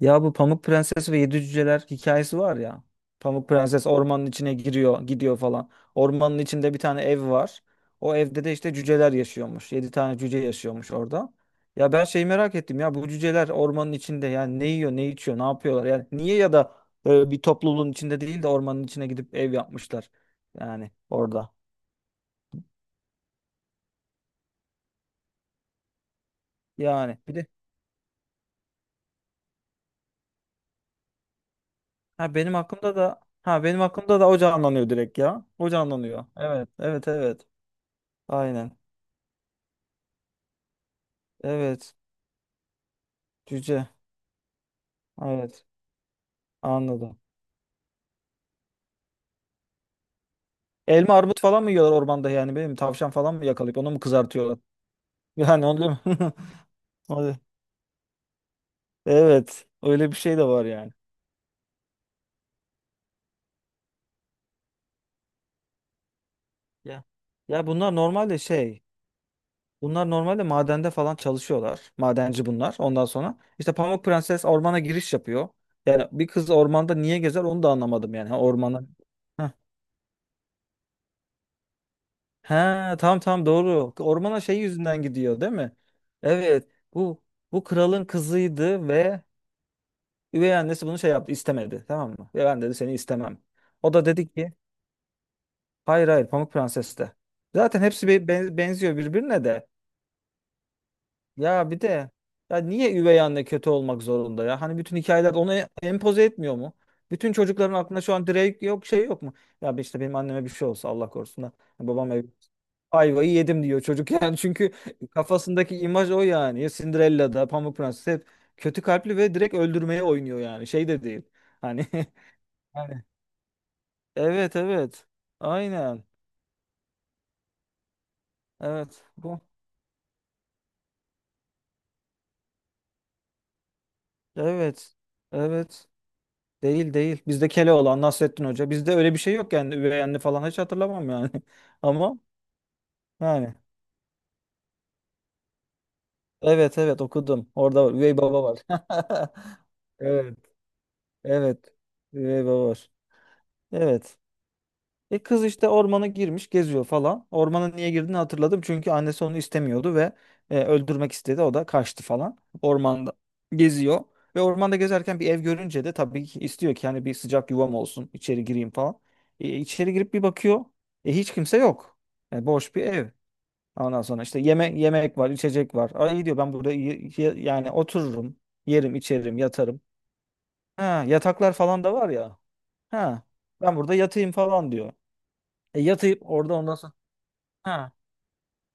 Ya bu Pamuk Prenses ve Yedi Cüceler hikayesi var ya. Pamuk Prenses ormanın içine giriyor, gidiyor falan. Ormanın içinde bir tane ev var. O evde de işte cüceler yaşıyormuş. Yedi tane cüce yaşıyormuş orada. Ya ben şey merak ettim ya, bu cüceler ormanın içinde yani ne yiyor, ne içiyor, ne yapıyorlar? Yani niye ya da böyle bir topluluğun içinde değil de ormanın içine gidip ev yapmışlar. Yani orada. Yani bir de ha benim aklımda da o canlanıyor direkt ya. O canlanıyor. Evet, evet, evet. Aynen. Evet. Cüce. Evet. Anladım. Elma armut falan mı yiyorlar ormanda, yani benim tavşan falan mı yakalayıp onu mu kızartıyorlar? Yani onu değil mi? Hadi. Evet. Öyle bir şey de var yani. Ya. Ya bunlar normalde şey. Bunlar normalde madende falan çalışıyorlar. Madenci bunlar. Ondan sonra işte Pamuk Prenses ormana giriş yapıyor. Yani bir kız ormanda niye gezer onu da anlamadım yani. Ha, ormana. Heh. He, tamam doğru. Ormana şey yüzünden gidiyor değil mi? Evet. Bu bu kralın kızıydı ve üvey annesi bunu şey yaptı, istemedi, tamam mı? Ve ben dedi seni istemem. O da dedi ki hayır hayır Pamuk Prenses de. Zaten hepsi benziyor birbirine de. Ya bir de ya niye üvey anne kötü olmak zorunda ya? Hani bütün hikayeler onu empoze etmiyor mu? Bütün çocukların aklında şu an direkt yok şey yok mu? Ya işte benim anneme bir şey olsa Allah korusun da hani babam ev ayvayı yedim diyor çocuk yani, çünkü kafasındaki imaj o yani. Ya Cinderella'da Pamuk Prenses hep kötü kalpli ve direkt öldürmeye oynuyor, yani şey de değil. Hani Evet, evet. Aynen. Evet bu. Evet. Evet. Değil değil. Bizde Keloğlan, Nasrettin Hoca. Bizde öyle bir şey yok yani. Üvey anne falan hiç hatırlamam yani. Ama yani. Evet evet, okudum. Orada var. Üvey baba var. Evet. Evet. Üvey baba var. Evet. E kız işte ormana girmiş, geziyor falan. Ormana niye girdiğini hatırladım. Çünkü annesi onu istemiyordu ve öldürmek istedi. O da kaçtı falan. Ormanda geziyor. Ve ormanda gezerken bir ev görünce de tabii ki istiyor ki yani bir sıcak yuvam olsun, içeri gireyim falan. İçeri girip bir bakıyor. Hiç kimse yok. Boş bir ev. Ondan sonra işte yeme yemek var, içecek var. Ay iyi diyor ben burada yani otururum, yerim, içerim, yatarım. Ha, yataklar falan da var ya. Ha, ben burada yatayım falan diyor. Yatayıp orada ondan sonra Ha.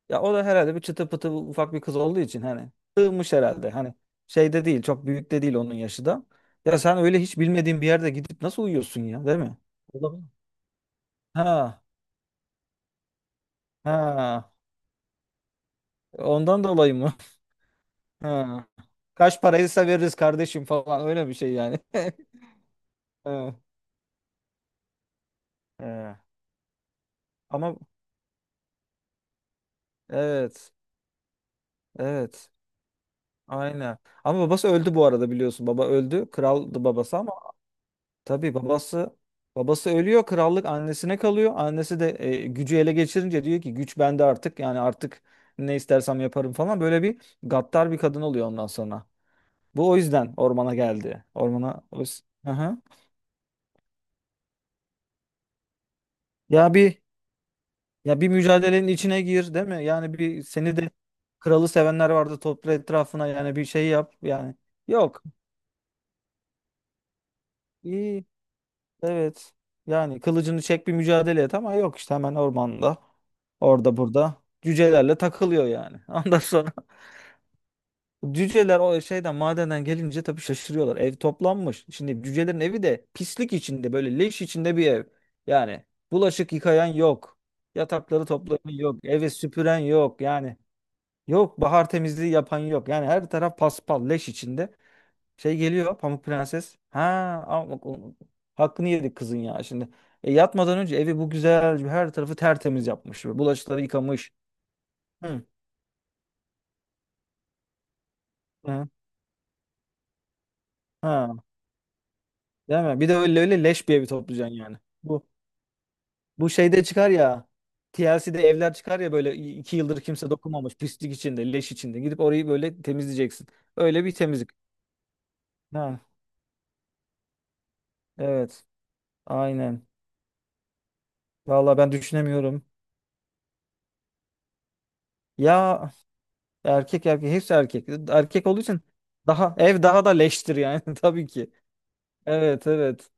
Ya o da herhalde bir çıtı pıtı ufak bir kız olduğu için hani sığmış herhalde. Hani şeyde değil, çok büyük de değil onun yaşı da. Ya sen öyle hiç bilmediğin bir yerde gidip nasıl uyuyorsun ya, değil mi? Olabilir. Ha. Ha. Ondan dolayı mı? Ha. Kaç paraysa veririz kardeşim falan öyle bir şey yani. Ha. Ha. Ama evet. Evet. Aynen. Ama babası öldü bu arada biliyorsun. Baba öldü. Kraldı babası ama tabii babası babası ölüyor, krallık annesine kalıyor. Annesi de gücü ele geçirince diyor ki güç bende artık. Yani artık ne istersem yaparım falan. Böyle bir gaddar bir kadın oluyor ondan sonra. Bu o yüzden ormana geldi. Ormana o yüz- Hı hı. Ya bir ya bir mücadelenin içine gir, değil mi? Yani bir, seni de kralı sevenler vardı, topla etrafına yani bir şey yap yani. Yok. Evet. Yani kılıcını çek bir mücadele et, ama yok işte hemen ormanda. Orada burada. Cücelerle takılıyor yani. Ondan sonra cüceler o şeyden madenden gelince tabii şaşırıyorlar. Ev toplanmış. Şimdi cücelerin evi de pislik içinde böyle leş içinde bir ev. Yani bulaşık yıkayan yok. Yatakları toplayan yok. Evi süpüren yok. Yani yok, bahar temizliği yapan yok. Yani her taraf paspal leş içinde. Şey geliyor Pamuk Prenses. Ha ama bak o- hakkını yedik kızın ya şimdi. Yatmadan önce evi bu güzel her tarafı tertemiz yapmış. Bulaşıkları yıkamış. Hı. Hı. Ha, değil mi? Bir de öyle öyle leş bir evi toplayacaksın yani. Bu bu şeyde çıkar ya. TLC'de evler çıkar ya, böyle iki yıldır kimse dokunmamış pislik içinde leş içinde, gidip orayı böyle temizleyeceksin. Öyle bir temizlik. Ha, evet aynen. Vallahi ben düşünemiyorum. Ya Erkek, hepsi erkek. Erkek olduğu için daha ev daha da leştir yani tabii ki. Evet evet.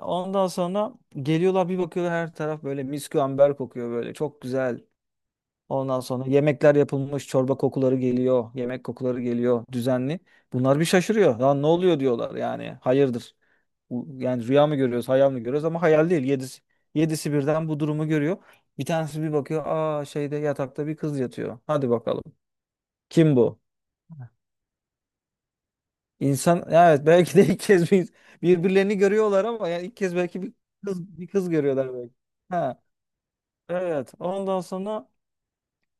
Ondan sonra geliyorlar bir bakıyorlar her taraf böyle miskü amber kokuyor böyle çok güzel. Ondan sonra yemekler yapılmış, çorba kokuları geliyor. Yemek kokuları geliyor düzenli. Bunlar bir şaşırıyor. Lan ne oluyor diyorlar yani hayırdır. Bu- Yani rüya mı görüyoruz hayal mi görüyoruz, ama hayal değil. Yedisi birden bu durumu görüyor. Bir tanesi bir bakıyor, aa şeyde yatakta bir kız yatıyor. Hadi bakalım kim bu? İnsan evet, belki de ilk kez bir, birbirlerini görüyorlar ama yani ilk kez belki bir kız, bir kız görüyorlar belki. Ha evet. Ondan sonra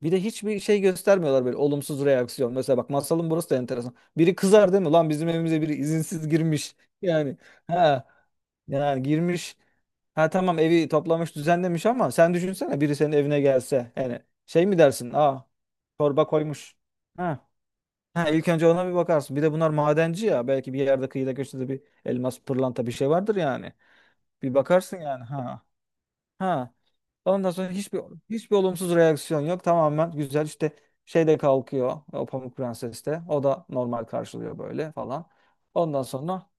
bir de hiçbir şey göstermiyorlar böyle olumsuz reaksiyon. Mesela bak masalın burası da enteresan. Biri kızar değil mi? Lan bizim evimize biri izinsiz girmiş. Yani ha yani girmiş. Ha tamam, evi toplamış düzenlemiş, ama sen düşünsene biri senin evine gelse. Yani şey mi dersin? Aa çorba koymuş. Ha Ha, ilk önce ona bir bakarsın. Bir de bunlar madenci ya. Belki bir yerde kıyıda köşede bir elmas, pırlanta bir şey vardır yani. Bir bakarsın yani. Ha. Ha. Ondan sonra hiçbir olumsuz reaksiyon yok. Tamamen güzel işte şey de kalkıyor. O Pamuk Prenses de. O da normal karşılıyor böyle falan. Ondan sonra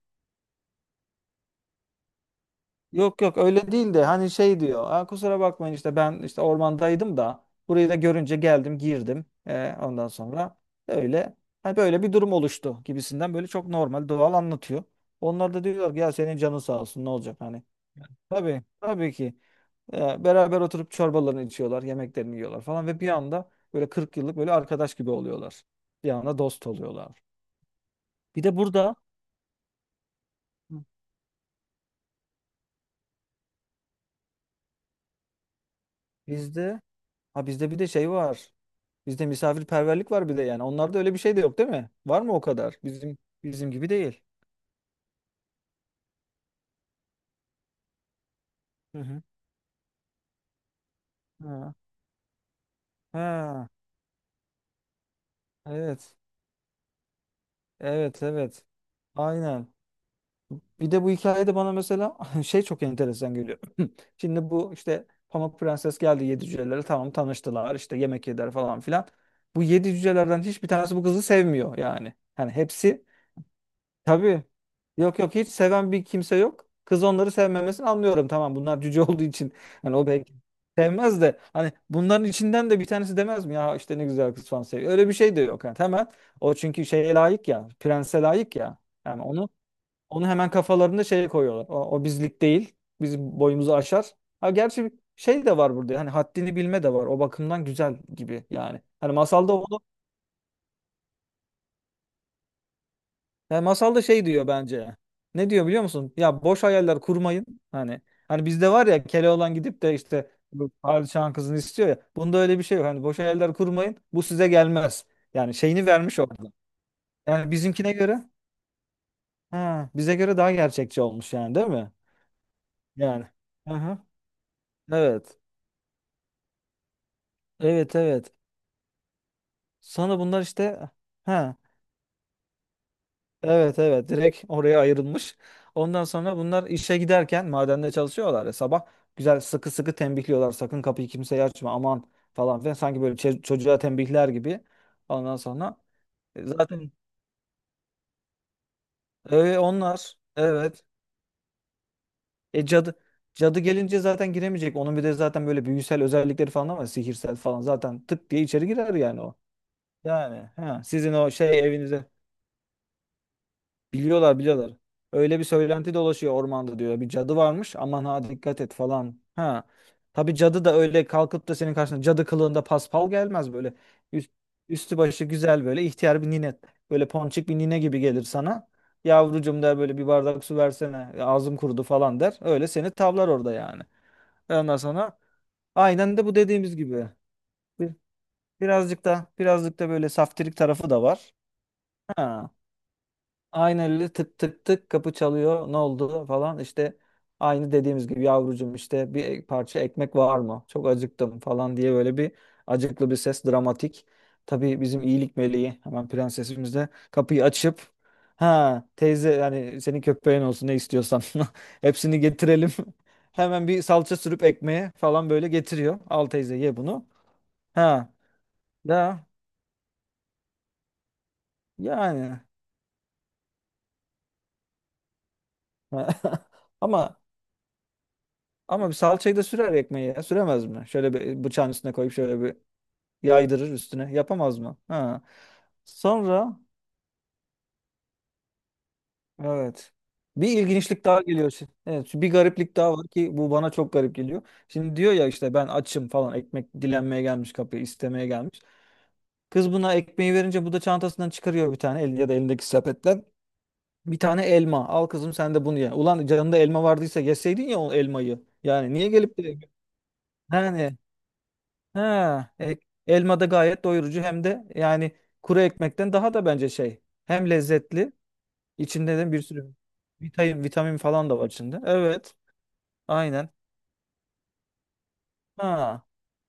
yok yok öyle değil de hani şey diyor. "Aa, kusura bakmayın işte ben işte ormandaydım da burayı da görünce geldim girdim. Ondan sonra öyle hani böyle bir durum oluştu" gibisinden böyle çok normal doğal anlatıyor. Onlar da diyorlar ki ya senin canın sağ olsun ne olacak hani. Tabii tabii ki beraber oturup çorbalarını içiyorlar, yemeklerini yiyorlar falan ve bir anda böyle 40 yıllık böyle arkadaş gibi oluyorlar. Bir anda dost oluyorlar. Bir de burada Hı. bizde ha bizde bir de şey var. Bizde misafirperverlik var bir de yani. Onlarda öyle bir şey de yok değil mi? Var mı o kadar? Bizim gibi değil. Hı hı. Ha. Ha. Evet. Evet, evet. Aynen. Bir de bu hikayede bana mesela şey çok enteresan geliyor. Şimdi bu işte Pamuk Prenses geldi, yedi cücelere tamam tanıştılar işte yemek yediler falan filan. Bu yedi cücelerden hiçbir tanesi bu kızı sevmiyor yani. Hani hepsi Tabii. Yok yok hiç seven bir kimse yok. Kız onları sevmemesini anlıyorum. Tamam bunlar cüce olduğu için. Hani o belki sevmez de hani bunların içinden de bir tanesi demez mi ya işte ne güzel kız falan seviyor. Öyle bir şey de yok. Yani hemen o çünkü şeye layık ya. Prense layık ya. Yani onu hemen kafalarında şeye koyuyorlar. O, o bizlik değil. Bizim boyumuzu aşar. Ha gerçi şey de var burada. Hani haddini bilme de var. O bakımdan güzel gibi yani. Hani masalda onu Yani masalda şey diyor bence. Ne diyor biliyor musun? Ya boş hayaller kurmayın. Hani hani bizde var ya Keloğlan gidip de işte bu padişahın kızını istiyor ya. Bunda öyle bir şey yok. Hani boş hayaller kurmayın. Bu size gelmez. Yani şeyini vermiş orada. Yani bizimkine göre ha, bize göre daha gerçekçi olmuş yani değil mi? Yani. Aha. Evet. Evet evet. Sonra bunlar işte ha. Evet evet, direkt oraya ayrılmış. Ondan sonra bunlar işe giderken madende çalışıyorlar ya sabah, güzel sıkı sıkı tembihliyorlar sakın kapıyı kimseye açma aman falan filan sanki böyle çocuğa tembihler gibi. Ondan sonra zaten onlar evet e, cadı cadı gelince zaten giremeyecek. Onun bir de zaten böyle büyüsel özellikleri falan var, sihirsel falan, zaten tık diye içeri girer yani o. Yani he, sizin o şey evinize Biliyorlar biliyorlar. Öyle bir söylenti dolaşıyor ormanda diyor. Bir cadı varmış aman ha dikkat et falan. Ha. Tabii cadı da öyle kalkıp da senin karşına cadı kılığında paspal gelmez böyle. Üst- üstü başı güzel böyle ihtiyar bir nine. Böyle ponçik bir nine gibi gelir sana. Yavrucum der böyle bir bardak su versene. Ağzım kurudu falan der. Öyle seni tavlar orada yani. Ondan sonra aynen de bu dediğimiz gibi. Bir- birazcık da böyle saftirik tarafı da var. Ha. Aynı elle tık tık tık kapı çalıyor. Ne oldu falan işte aynı dediğimiz gibi yavrucum işte bir parça ekmek var mı? Çok acıktım falan diye böyle bir acıklı bir ses dramatik. Tabii bizim iyilik meleği hemen prensesimiz de kapıyı açıp ha teyze yani senin köpeğin olsun ne istiyorsan hepsini getirelim. Hemen bir salça sürüp ekmeğe falan böyle getiriyor. Al teyze ye bunu. Ha da yani Ama Ama bir salçayı da sürer ekmeği ya. Süremez mi? Şöyle bir bıçağın üstüne koyup şöyle bir yaydırır üstüne. Yapamaz mı? Ha. Sonra evet. Bir ilginçlik daha geliyor şimdi. Evet, bir gariplik daha var ki bu bana çok garip geliyor. Şimdi diyor ya işte ben açım falan, ekmek dilenmeye gelmiş, kapıyı istemeye gelmiş. Kız buna ekmeği verince bu da çantasından çıkarıyor bir tane el ya da elindeki sepetten bir tane elma. Al kızım sen de bunu ye. Ulan canında elma vardıysa yeseydin ya o elmayı. Yani niye gelip de- yani Ha, elma da gayet doyurucu hem de yani kuru ekmekten daha da bence şey. Hem lezzetli, içinde de bir sürü vitamin, vitamin falan da var içinde. Evet, aynen. Ha,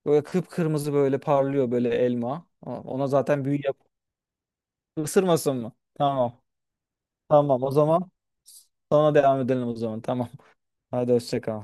böyle kıpkırmızı böyle parlıyor böyle elma. Ama ona zaten büyü yap. Isırmasın mı? Tamam. Tamam o zaman. Sonra devam edelim o zaman. Tamam. Hadi hoşça kal.